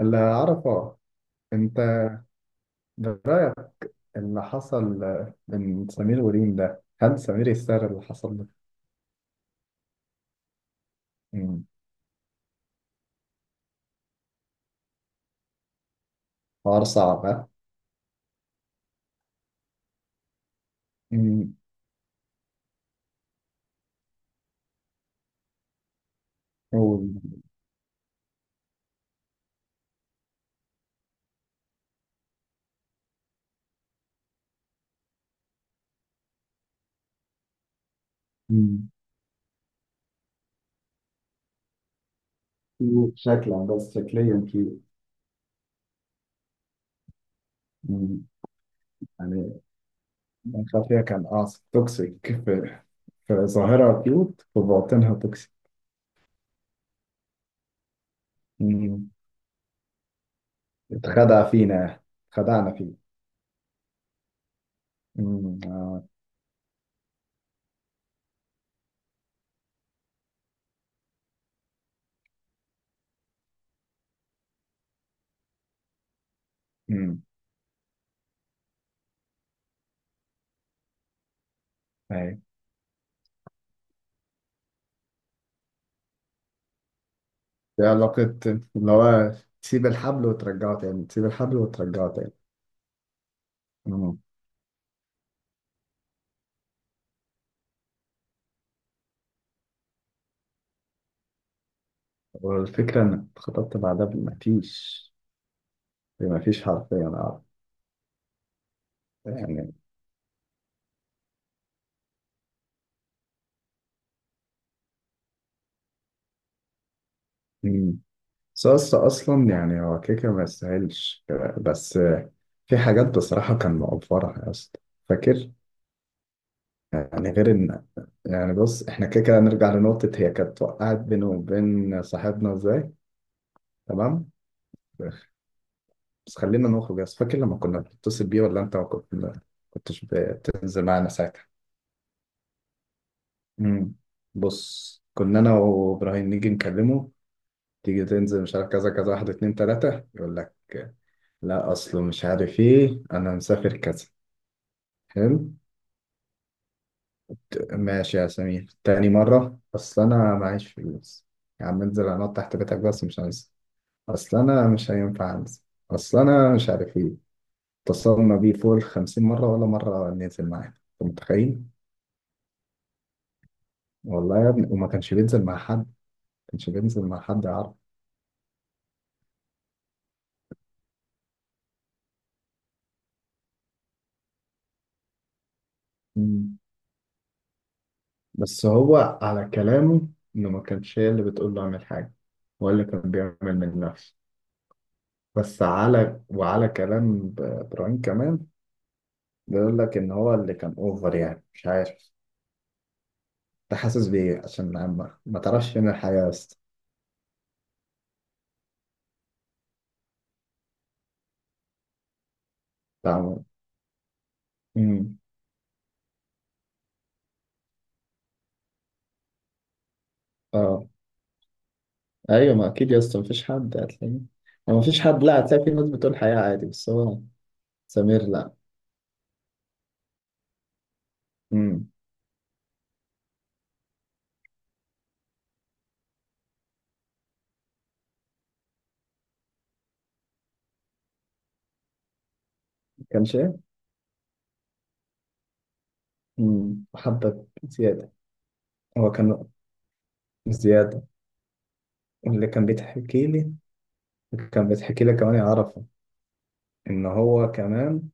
اللي أعرفه. أنت برأيك اللي حصل من سمير وريم ده، هل سمير يستاهل اللي حصل ده؟ مم. حوار صعب ها؟ مم. هو. مم. كيوت شكلا، بس شكليا كيوت. مم. يعني من خلفية كان قاصد توكسيك، في ظاهرها كيوت، في باطنها توكسيك. مم. اتخدع فينا، خدعنا فيه. مم. آه. مم. أيوة. دي علاقة اللي هو تسيب الحبل وترجعه تاني، تسيب الحبل وترجعه تاني. مم. والفكرة إنك اتخطبت بعدها بمفيش حرفيا أعرف يعني. مم. ساس أصلا، يعني هو كيكة ما يستاهلش. بس في حاجات بصراحة كان مقفرها يا اسطى، فاكر؟ يعني غير إن، يعني بص، إحنا كيكة نرجع لنقطة، هي كانت وقعت بينه وبين صاحبنا إزاي. تمام، بس خلينا نخرج يا اسطى. فاكر لما كنا بنتصل بيه، ولا أنت ما كنتش بتنزل معانا ساعتها؟ مم. بص، كنا انا وابراهيم نيجي نكلمه، تيجي تنزل، مش عارف كذا كذا، واحد اتنين تلاتة، يقول لك لا أصله مش عارف إيه، أنا مسافر كذا. حلو. ماشي يا سمير. تاني مرة، أصل أنا معيش فلوس. يا عم انزل، أنط تحت بيتك بس، مش عايز. أصل أنا مش هينفع أنزل. أصل أنا مش عارف إيه. اتصلنا بيه فوق الخمسين مرة، ولا مرة ننزل معاه. أنت متخيل؟ والله يا ابني، وما كانش بينزل مع حد، ما كانش بينزل مع حد. يعرف، بس هو على كلامه إنه ما كانش هي اللي بتقول له أعمل حاجة، هو اللي كان بيعمل من نفسه. بس وعلى كلام إبراهيم كمان، بيقول لك إن هو اللي كان أوفر، يعني مش عارف. أنت حاسس بإيه عشان ما تعرفش فين الحياة يا اسطى؟ تعمل. أمم. أه، أيوة، ما أكيد يا اسطى مفيش حد هتلاقيه. ما مفيش حد، لا، هتلاقي في ناس بتقول حياة عادي، بس هو سمير لا. أمم. ما كانش إيه. أمم. حبة زيادة. هو كان زيادة. اللي كان بيتحكي لي، كان بيتحكي لي كمان يعرفه، ان هو كمان،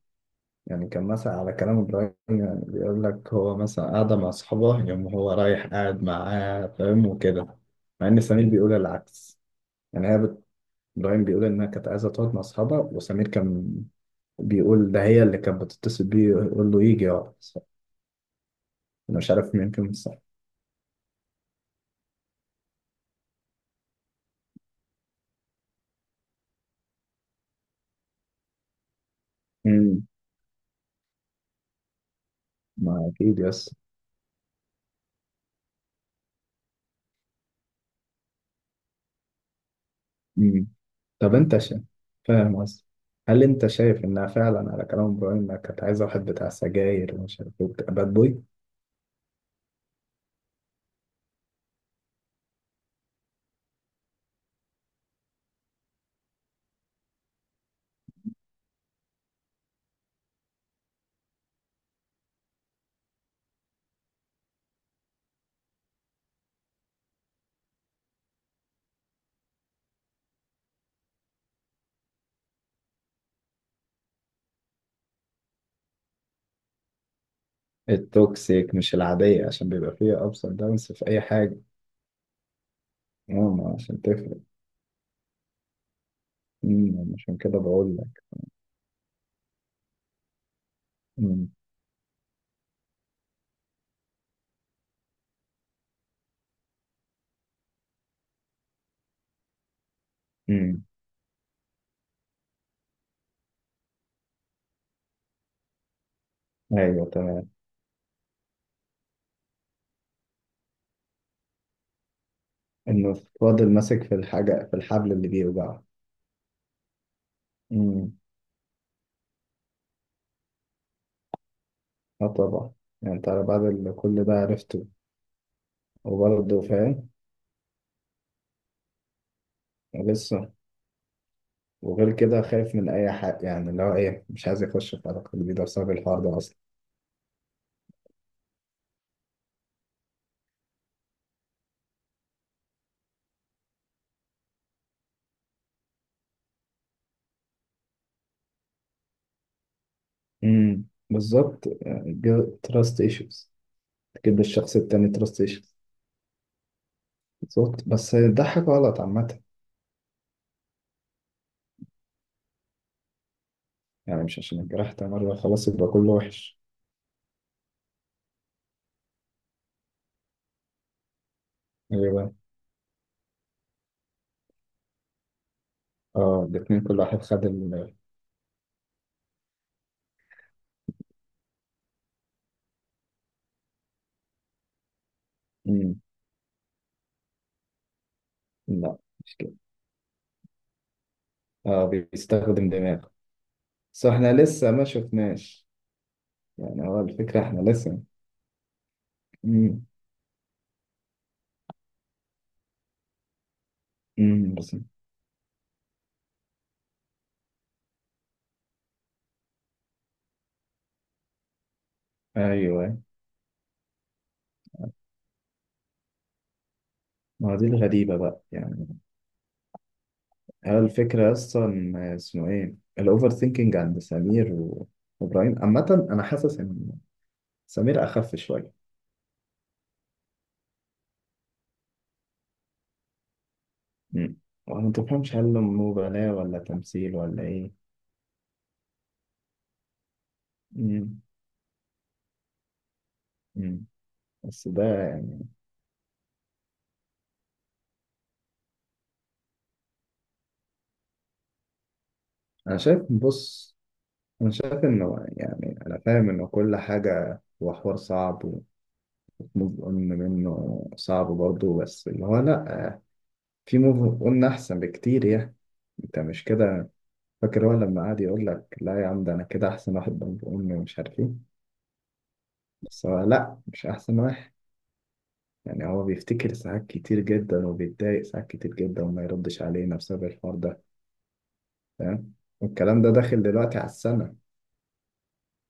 يعني كان مثلا على كلام ابراهيم، يعني بيقول لك هو مثلا قاعده مع اصحابه، يوم هو رايح قاعد معاه فاهم، وكده. مع ان سمير بيقول العكس، يعني هي بت... ابراهيم بيقول انها كانت عايزه تقعد مع اصحابها، وسمير كان بيقول ده هي اللي كانت بتتصل بيه يقول له يجي يقعد. انا مش عارف مين كان صح. امم. ما اكيد يس. مم. طب انت شا... فاهم قصدي؟ هل انت شايف انها فعلا، على كلام ابراهيم، انها كانت عايزه واحد بتاع سجاير ومش عارف ايه، وبتاع باد بوي؟ التوكسيك مش العاديه، عشان بيبقى فيها ابس اند داونز في اي حاجه. ماما، عشان تفرق. مم، عشان كده بقول لك. مم. مم. ايوه، تمام. انه فاضل ماسك في الحاجه، في الحبل اللي بيوجعه. مم. اه، طبعا. يعني انت على بعد اللي كل ده عرفته، وبرضه فاهم. لسه. وغير كده، خايف من اي حاجه، يعني اللي هو ايه، مش عايز يخش في علاقه جديده بسبب الحوار ده اصلا. امم، بالظبط. تراست ايشوز. تجيب للشخص التاني تراست ايشوز. بالظبط، بس ده حاجه غلط عامه. يعني مش عشان اتجرحت مره خلاص يبقى كله وحش. ايوه. اه، الاتنين كل واحد خد ال. امم. لا، مش كده. اه، بيستخدم دماغه. بس احنا لسه ما شفناش، يعني هو الفكره احنا لسه. امم. امم، بس. ايوه. ما هو دي الغريبه بقى يعني. هي الفكرة أصلا اسمه إيه؟ الأوفر ثينكينج عند سمير وإبراهيم عامة. أنا حاسس إن سمير أخف شوية. مم. وأنا ما تفهمش، هل مبالاة ولا تمثيل ولا إيه؟ مم. مم. بس ده يعني، أنا شايف، بص، أنا شايف إنه، يعني أنا فاهم إنه كل حاجة، هو حوار صعب، وموف أون منه صعب برضه، بس اللي هو لأ، في موف أون أحسن بكتير يعني. أنت مش كده؟ فاكر هو لما قعد يقول لك لا يا عم، ده انا كده احسن، واحد بنت امي ومش عارف ايه. بس هو لا، مش احسن واحد. يعني هو بيفتكر ساعات كتير جدا، وبيتضايق ساعات كتير جدا، وما يردش علينا بسبب الحوار ده. فاهم. والكلام ده داخل دلوقتي على السنة.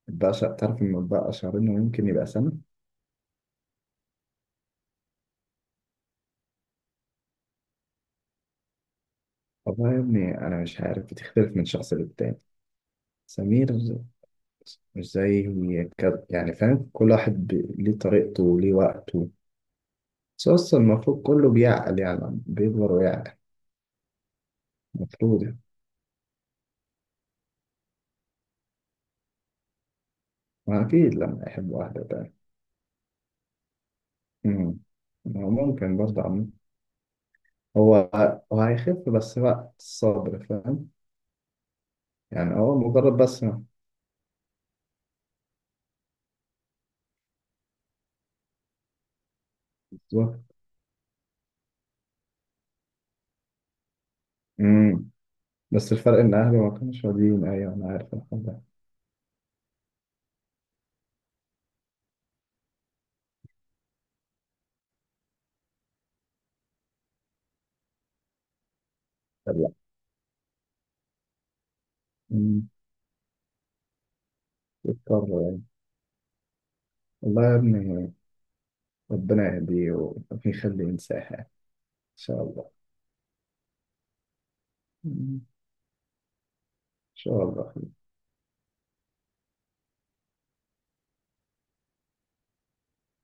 بقى شا... تعرف إن بقى شهرين، ويمكن يبقى سنة. والله يا ابني، أنا مش عارف، بتختلف من شخص للتاني. سمير مش زي كده يعني، فاهم، كل واحد ب... ليه طريقته وليه وقته. بس أصلا المفروض كله بيعقل، يعني بيكبر ويعقل. المفروض يعني. أكيد لما يحب واحدة تاني. أمم. هو ممكن برضه عم. هو هو هيخف، بس وقت الصبر فاهم. يعني هو مجرد بس ما-. بالظبط. أمم. بس الفرق إن أهلي ما كانوش راضيين، أيوة أنا عارف، الحمد لله. أمم. يضطر يعني. والله يا ابني، ربنا يهديه ويخليه ينساها إن شاء الله. أمم. إن شاء الله.